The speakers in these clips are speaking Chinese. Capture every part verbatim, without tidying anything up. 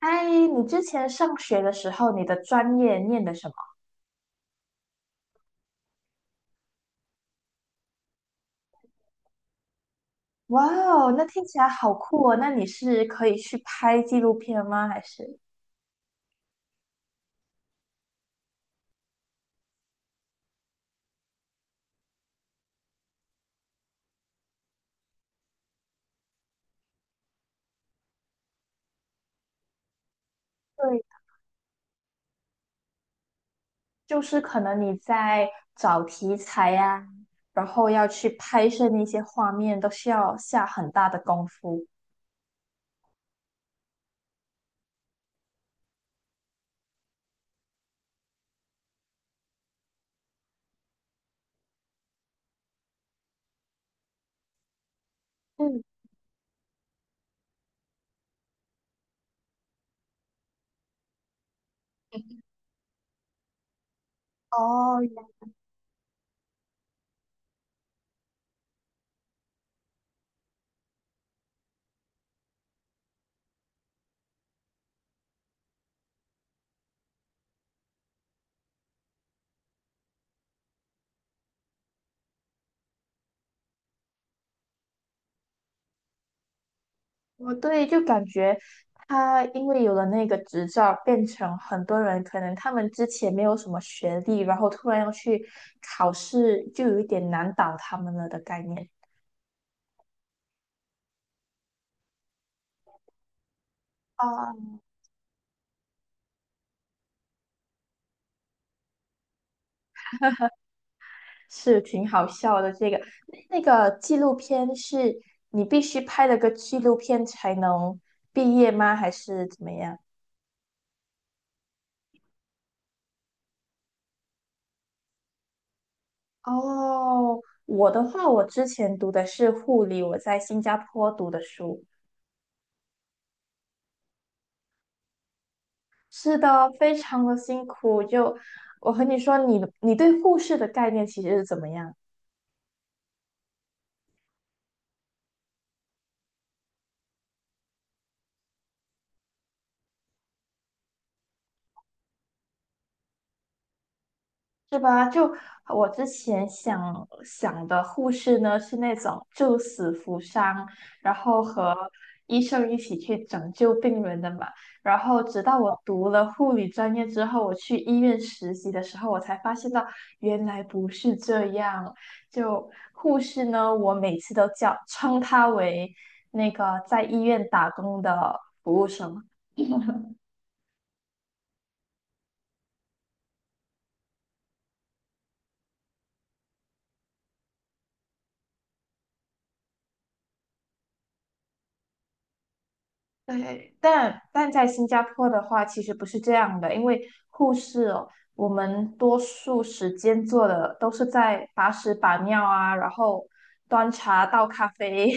哎，你之前上学的时候，你的专业念的什么？哇哦，那听起来好酷哦！那你是可以去拍纪录片吗？还是？对，就是可能你在找题材呀、然后要去拍摄那些画面，都需要下很大的功夫。嗯。哦，哦，对，就感觉他因为有了那个执照，变成很多人可能他们之前没有什么学历，然后突然要去考试，就有一点难倒他们了的概念。啊，是挺好笑的。这个那个纪录片是你必须拍了个纪录片才能毕业吗？还是怎么样？哦，我的话，我之前读的是护理，我在新加坡读的书。是的，非常的辛苦。就我和你说你，你对护士的概念其实是怎么样，是吧？就我之前想想的护士呢，是那种救死扶伤，然后和医生一起去拯救病人的嘛。然后直到我读了护理专业之后，我去医院实习的时候，我才发现到原来不是这样。就护士呢，我每次都叫称她为那个在医院打工的。对，但但在新加坡的话，其实不是这样的，因为护士哦，我们多数时间做的都是在把屎把尿啊，然后端茶倒咖啡。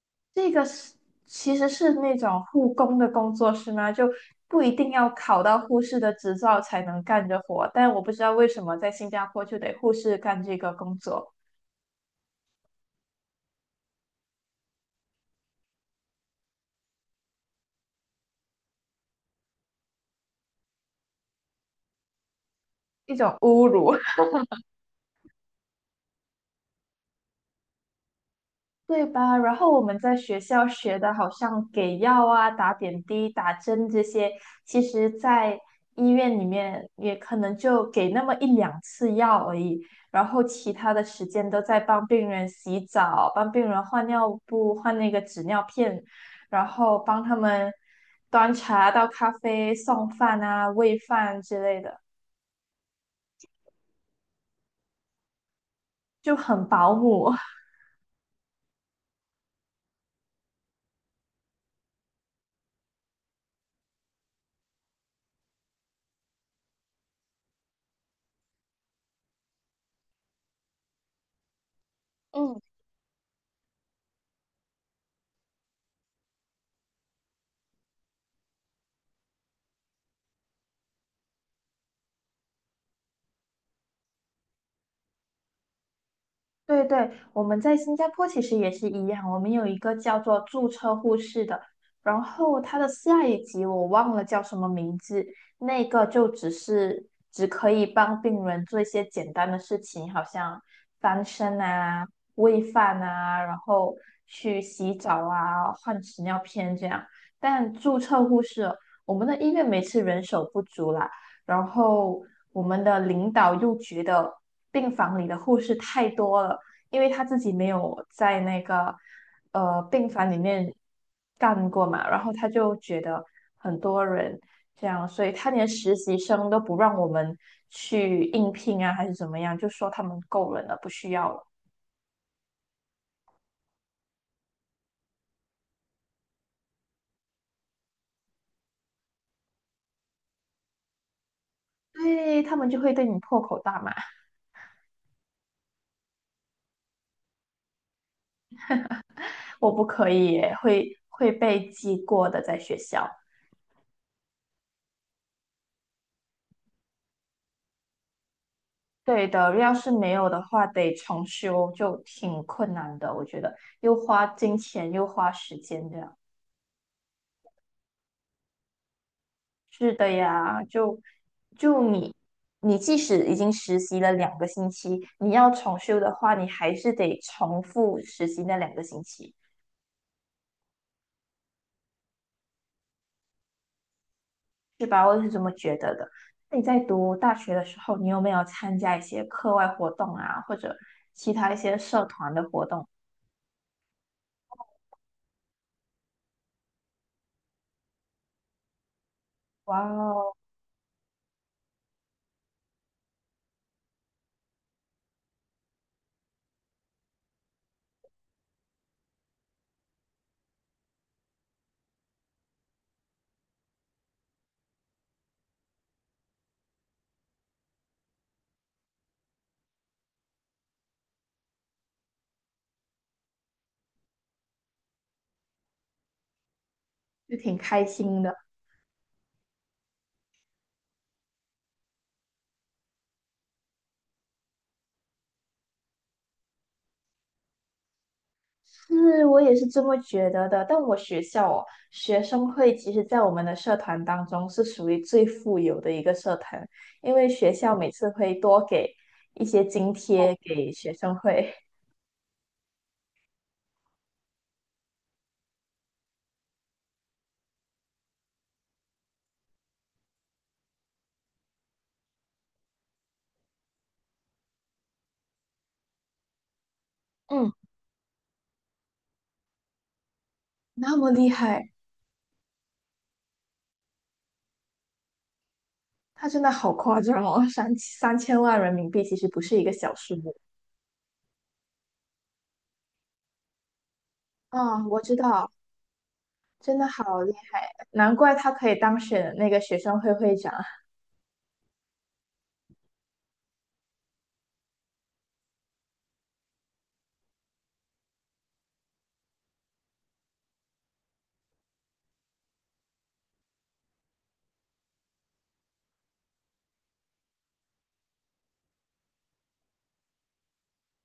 这个是其实是那种护工的工作是吗？就不一定要考到护士的执照才能干这活，但我不知道为什么在新加坡就得护士干这个工作，一种侮辱。对吧？然后我们在学校学的，好像给药啊、打点滴、打针这些，其实在医院里面也可能就给那么一两次药而已，然后其他的时间都在帮病人洗澡、帮病人换尿布、换那个纸尿片，然后帮他们端茶倒咖啡、送饭啊、喂饭之类的，就很保姆。嗯。对对，我们在新加坡其实也是一样，我们有一个叫做注册护士的，然后它的下一级我忘了叫什么名字，那个就只是只可以帮病人做一些简单的事情，好像翻身啊、喂饭啊，然后去洗澡啊、换纸尿片这样。但注册护士哦我们的医院每次人手不足啦，然后我们的领导又觉得病房里的护士太多了，因为他自己没有在那个呃病房里面干过嘛，然后他就觉得很多人这样，所以他连实习生都不让我们去应聘啊，还是怎么样，就说他们够人了，不需要了。对，他们就会对你破口大骂，我不可以耶会会被记过的，在学校。对的，要是没有的话，得重修就挺困难的，我觉得又花金钱又花时间这样。是的呀，就就你你即使已经实习了两个星期，你要重修的话，你还是得重复实习那两个星期，是吧？我是这么觉得的。那你在读大学的时候，你有没有参加一些课外活动啊，或者其他一些社团的活动？哇哦，就挺开心的。是我也是这么觉得的，但我学校哦，学生会其实在我们的社团当中是属于最富有的一个社团，因为学校每次会多给一些津贴给学生会。嗯，那么厉害，他真的好夸张哦，三三千万人民币其实不是一个小数目。嗯，我知道，真的好厉害，难怪他可以当选那个学生会会长。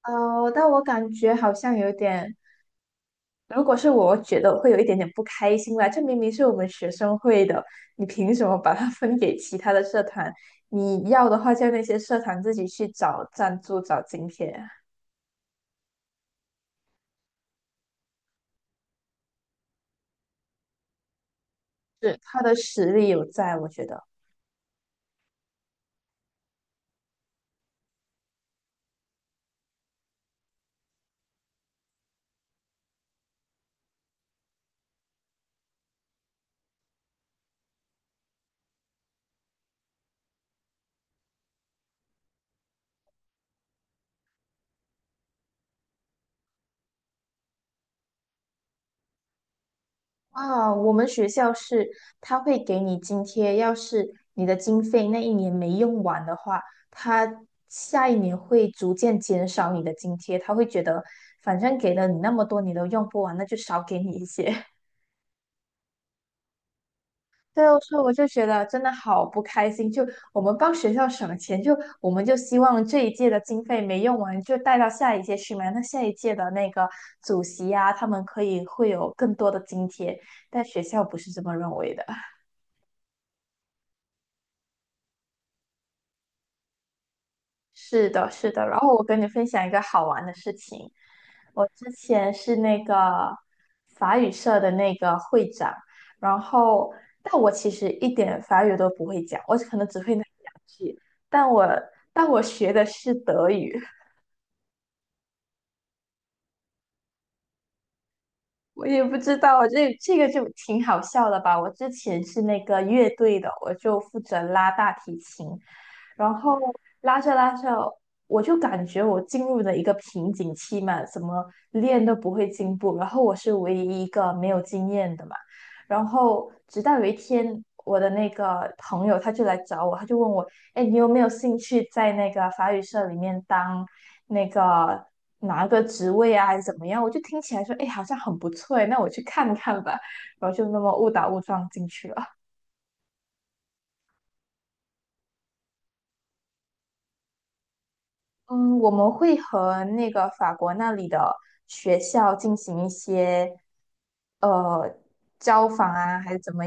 哦，但我感觉好像有点。如果是我，我觉得我会有一点点不开心啦。这明明是我们学生会的，你凭什么把它分给其他的社团？你要的话，叫那些社团自己去找赞助、找津贴。是，他的实力有在，我觉得。啊，我们学校是他会给你津贴，要是你的经费那一年没用完的话，他下一年会逐渐减少你的津贴，他会觉得反正给了你那么多，你都用不完，那就少给你一些。对，所以我就觉得真的好不开心。就我们帮学校省钱，就我们就希望这一届的经费没用完，就带到下一届去嘛。那下一届的那个主席啊，他们可以会有更多的津贴，但学校不是这么认为的。是的，是的。然后我跟你分享一个好玩的事情，我之前是那个法语社的那个会长，然后但我其实一点法语都不会讲，我可能只会那一两句，但我但我学的是德语，我也不知道，这这个就挺好笑的吧。我之前是那个乐队的，我就负责拉大提琴，然后拉着拉着，我就感觉我进入了一个瓶颈期嘛，怎么练都不会进步。然后我是唯一一个没有经验的嘛。然后直到有一天，我的那个朋友他就来找我，他就问我，哎，你有没有兴趣在那个法语社里面当那个拿个职位啊，还是怎么样？我就听起来说，哎，好像很不错诶，那我去看看吧。然后就那么误打误撞进去了。嗯，我们会和那个法国那里的学校进行一些呃交访啊，还是怎么，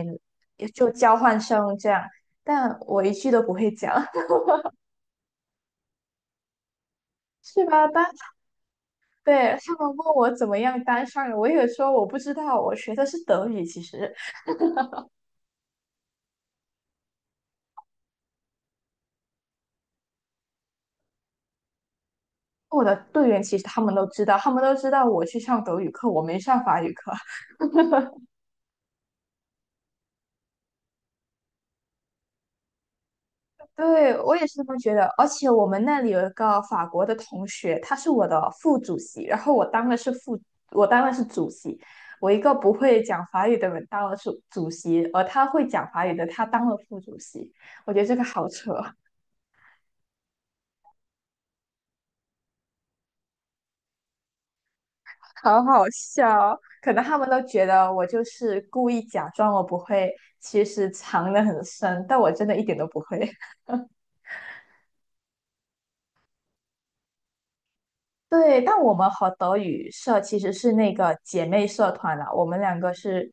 也就交换生这样。但我一句都不会讲。是吧？当对他们问我怎么样当上的，我也说我不知道，我学的是德语。其实我的队员其实他们都知道，他们都知道我去上德语课，我没上法语课。对，我也是这么觉得，而且我们那里有一个法国的同学，他是我的副主席，然后我当的是副，我当的是主席，我一个不会讲法语的人当了主主席，而他会讲法语的他当了副主席，我觉得这个好扯。好好笑哦，可能他们都觉得我就是故意假装我不会，其实藏得很深，但我真的一点都不会。对，但我们和德语社其实是那个姐妹社团啦，我们两个是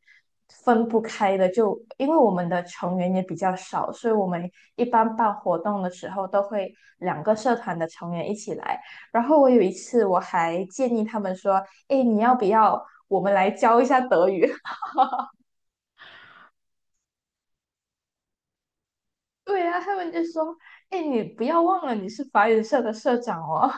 分不开的，就因为我们的成员也比较少，所以我们一般办活动的时候都会两个社团的成员一起来。然后我有一次我还建议他们说：“诶，你要不要我们来教一下德语？” 对啊，他们就说：“诶，你不要忘了你是法语社的社长哦。”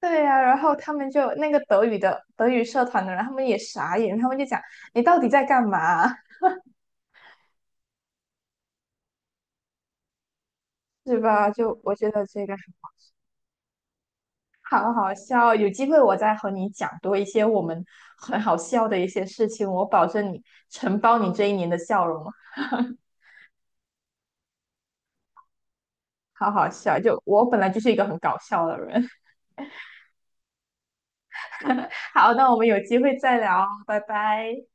对呀、然后他们就那个德语的德语社团的人，他们也傻眼，他们就讲你到底在干嘛。是吧？就我觉得这个好好笑，有机会我再和你讲多一些我们很好笑的一些事情，我保证你承包你这一年的笑容，好好笑。就我本来就是一个很搞笑的人。好，那我们有机会再聊哦，拜拜。